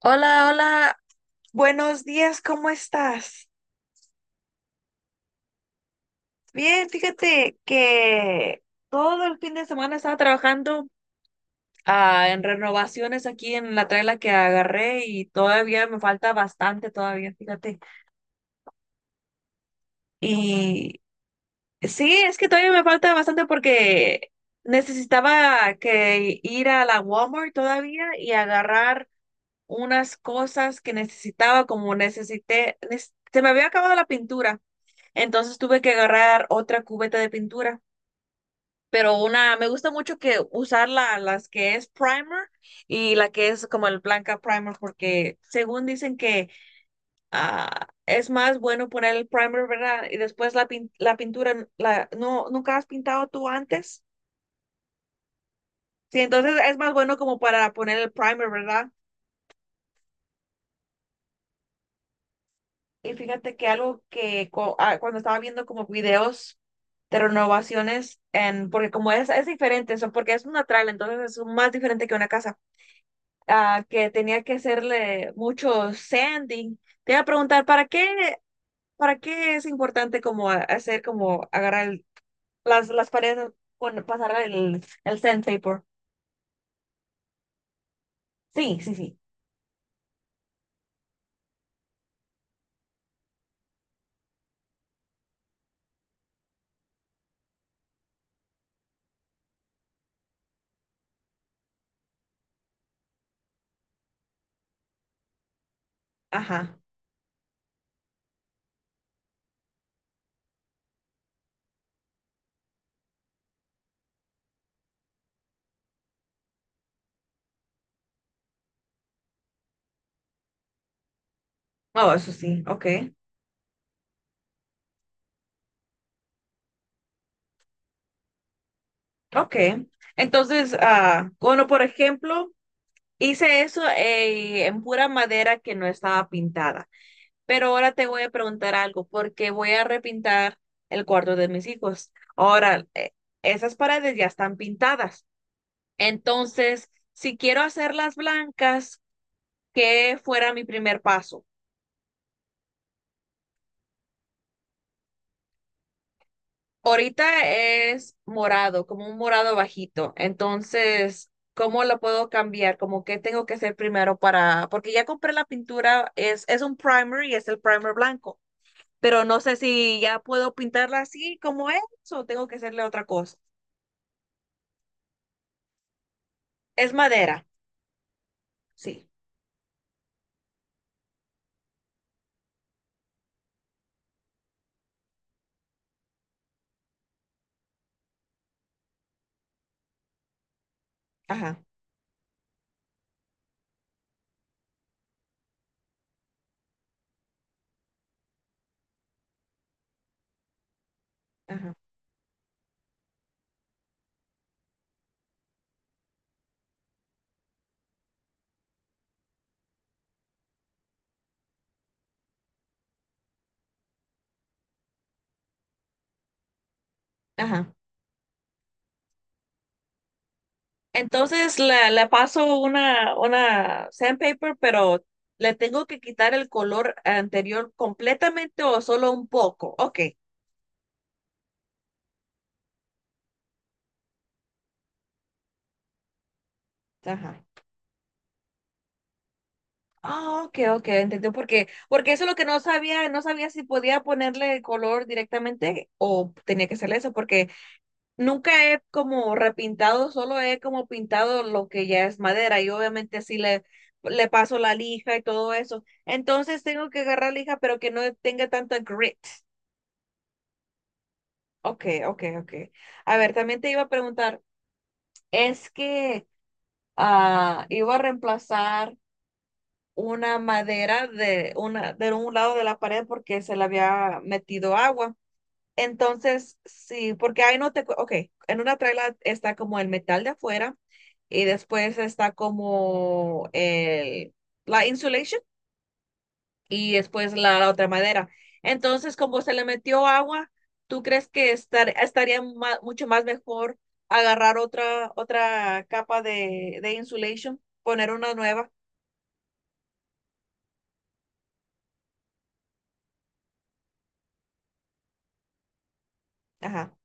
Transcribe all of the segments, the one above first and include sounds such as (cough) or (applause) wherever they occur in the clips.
Hola, hola, buenos días, ¿cómo estás? Bien, fíjate que todo el fin de semana estaba trabajando en renovaciones aquí en la traila que agarré y todavía me falta bastante, todavía, fíjate. Y sí, es que todavía me falta bastante porque necesitaba que ir a la Walmart todavía y agarrar unas cosas que necesitaba, como necesité, se me había acabado la pintura. Entonces tuve que agarrar otra cubeta de pintura. Pero una, me gusta mucho que usar las que es primer y la que es como el blanca primer, porque según dicen que es más bueno poner el primer, ¿verdad? Y después la pintura, la, no, ¿nunca has pintado tú antes? Sí, entonces es más bueno como para poner el primer, ¿verdad? Y fíjate que algo que co- ah, cuando estaba viendo como videos de renovaciones, en, porque como es diferente, eso, porque es una trala, entonces es más diferente que una casa, ah, que tenía que hacerle mucho sanding. Te iba a preguntar, para qué es importante como hacer, como agarrar las paredes, con, pasar el sandpaper? Sí, sí, sí. Ajá. Oh, eso sí, ok. Ok. Entonces, ah, bueno, por ejemplo. Hice eso en pura madera que no estaba pintada. Pero ahora te voy a preguntar algo, porque voy a repintar el cuarto de mis hijos. Ahora, esas paredes ya están pintadas. Entonces, si quiero hacerlas blancas, ¿qué fuera mi primer paso? Ahorita es morado, como un morado bajito. Entonces, ¿cómo lo puedo cambiar? Como qué tengo que hacer primero para, porque ya compré la pintura, es un primer y es el primer blanco, pero no sé si ya puedo pintarla así como es o tengo que hacerle otra cosa. Es madera, sí. Ajá, ajá, ajá. Entonces la paso una sandpaper, pero le tengo que quitar el color anterior completamente o solo un poco. Ok, ajá. Ah, ok, ok, entendí. Porque, porque eso es lo que no sabía, no sabía si podía ponerle el color directamente o tenía que hacerle eso, porque nunca he como repintado, solo he como pintado lo que ya es madera y obviamente sí le paso la lija y todo eso. Entonces tengo que agarrar lija, pero que no tenga tanta grit. Ok, ok, ok. A ver, también te iba a preguntar, es que ah, iba a reemplazar una madera de, una, de un lado de la pared porque se le había metido agua. Entonces, sí, porque ahí no te, cu- ok, en una traila está como el metal de afuera y después está como el, la insulation y después la otra madera. Entonces, como se le metió agua, ¿tú crees que estar, estaría mucho más mejor agarrar otra capa de insulation, poner una nueva? Ajá,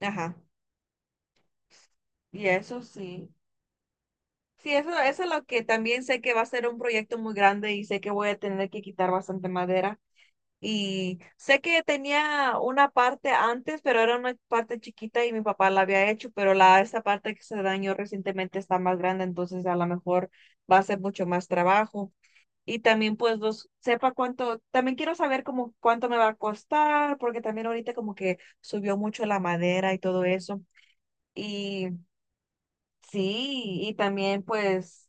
ajá. Y eso sí. Sí, eso es lo que también sé que va a ser un proyecto muy grande y sé que voy a tener que quitar bastante madera. Y sé que tenía una parte antes, pero era una parte chiquita y mi papá la había hecho, pero la, esa parte que se dañó recientemente está más grande, entonces a lo mejor va a ser mucho más trabajo. Y también pues los, sepa cuánto, también quiero saber como cuánto me va a costar, porque también ahorita como que subió mucho la madera y todo eso. Y sí, y también pues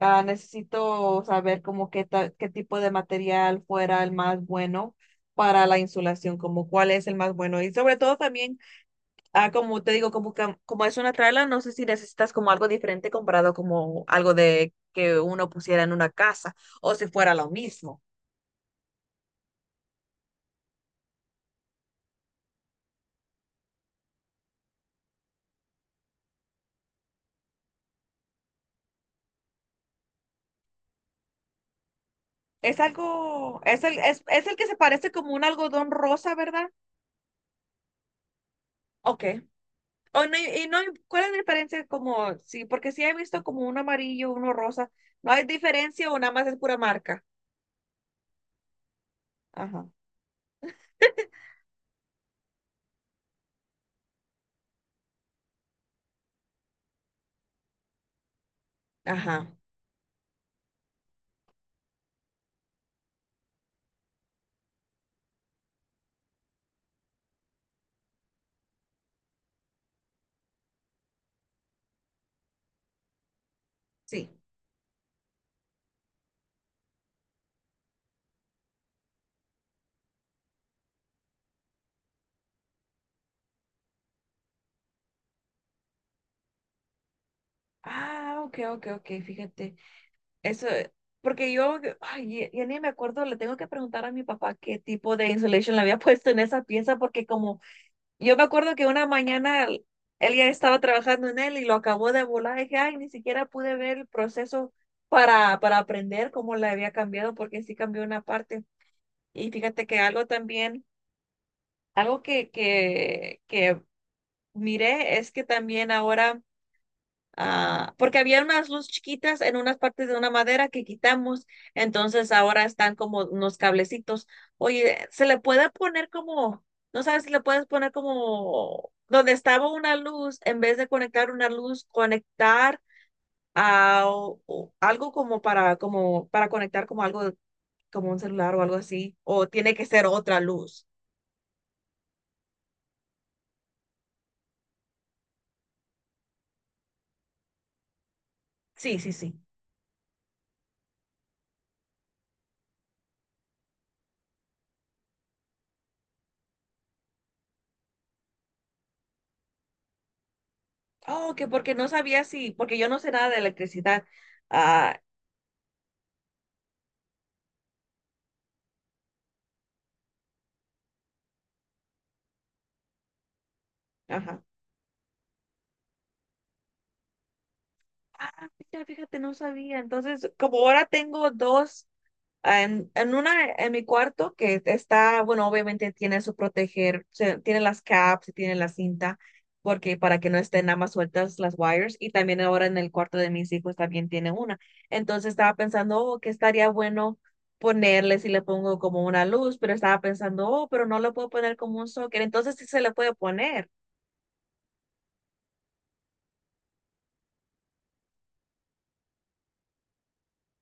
ah, necesito saber como qué qué tipo de material fuera el más bueno para la insulación, como cuál es el más bueno. Y sobre todo también, ah, como te digo, como, como es una trala, no sé si necesitas como algo diferente comparado como algo de que uno pusiera en una casa o si fuera lo mismo. Es algo, es el que se parece como un algodón rosa, ¿verdad? Ok. O no, y no, hay- ¿cuál es la diferencia? Como, sí, porque sí he visto como uno amarillo, uno rosa. ¿No hay diferencia o nada más es pura marca? Ajá, ajá, sí. Ah, ok, ok, ok, fíjate. Eso, porque yo, ay, ya, ya ni me acuerdo, le tengo que preguntar a mi papá qué tipo de insulation le había (laughs) puesto en esa pieza, porque como yo me acuerdo que una mañana él ya estaba trabajando en él y lo acabó de volar, dije, ay, ni siquiera pude ver el proceso para aprender cómo le había cambiado, porque sí cambió una parte. Y fíjate que algo también, algo que miré es que también ahora, ah, porque había unas luces chiquitas en unas partes de una madera que quitamos, entonces ahora están como unos cablecitos. Oye, se le puede poner como, no sabes si le puedes poner como donde estaba una luz, en vez de conectar una luz, conectar a o algo como para, como para conectar como algo, como un celular o algo así, o tiene que ser otra luz. Sí, sí, sí. Oh, que porque no sabía si, porque yo no sé nada de electricidad. Ah, ajá. Ah, mira, fíjate, no sabía. Entonces, como ahora tengo dos. En una, en mi cuarto que está, bueno, obviamente tiene su proteger, tiene las caps y tiene la cinta, porque para que no estén nada más sueltas las wires, y también ahora en el cuarto de mis hijos también tiene una. Entonces estaba pensando, oh, que estaría bueno ponerle si le pongo como una luz, pero estaba pensando, oh, pero no le puedo poner como un socket, entonces sí se le puede poner.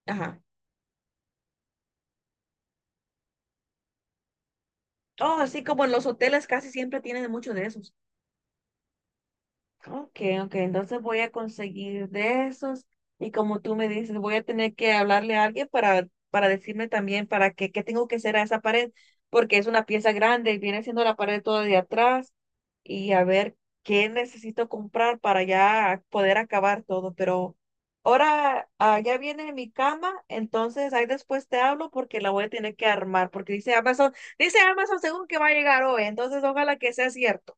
Ajá. Oh, así como en los hoteles casi siempre tienen mucho de eso. Ok, ok, entonces voy a conseguir de esos y como tú me dices, voy a tener que hablarle a alguien para decirme también para qué, qué tengo que hacer a esa pared, porque es una pieza grande y viene siendo la pared toda de atrás y a ver qué necesito comprar para ya poder acabar todo, pero ahora ah, ya viene mi cama, entonces ahí después te hablo porque la voy a tener que armar, porque dice Amazon según que va a llegar hoy, entonces ojalá que sea cierto.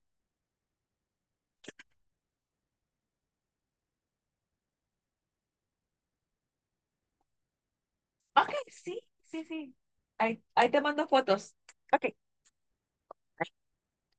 Ok, sí, sí, sí. Ahí, ahí te mando fotos. Ok.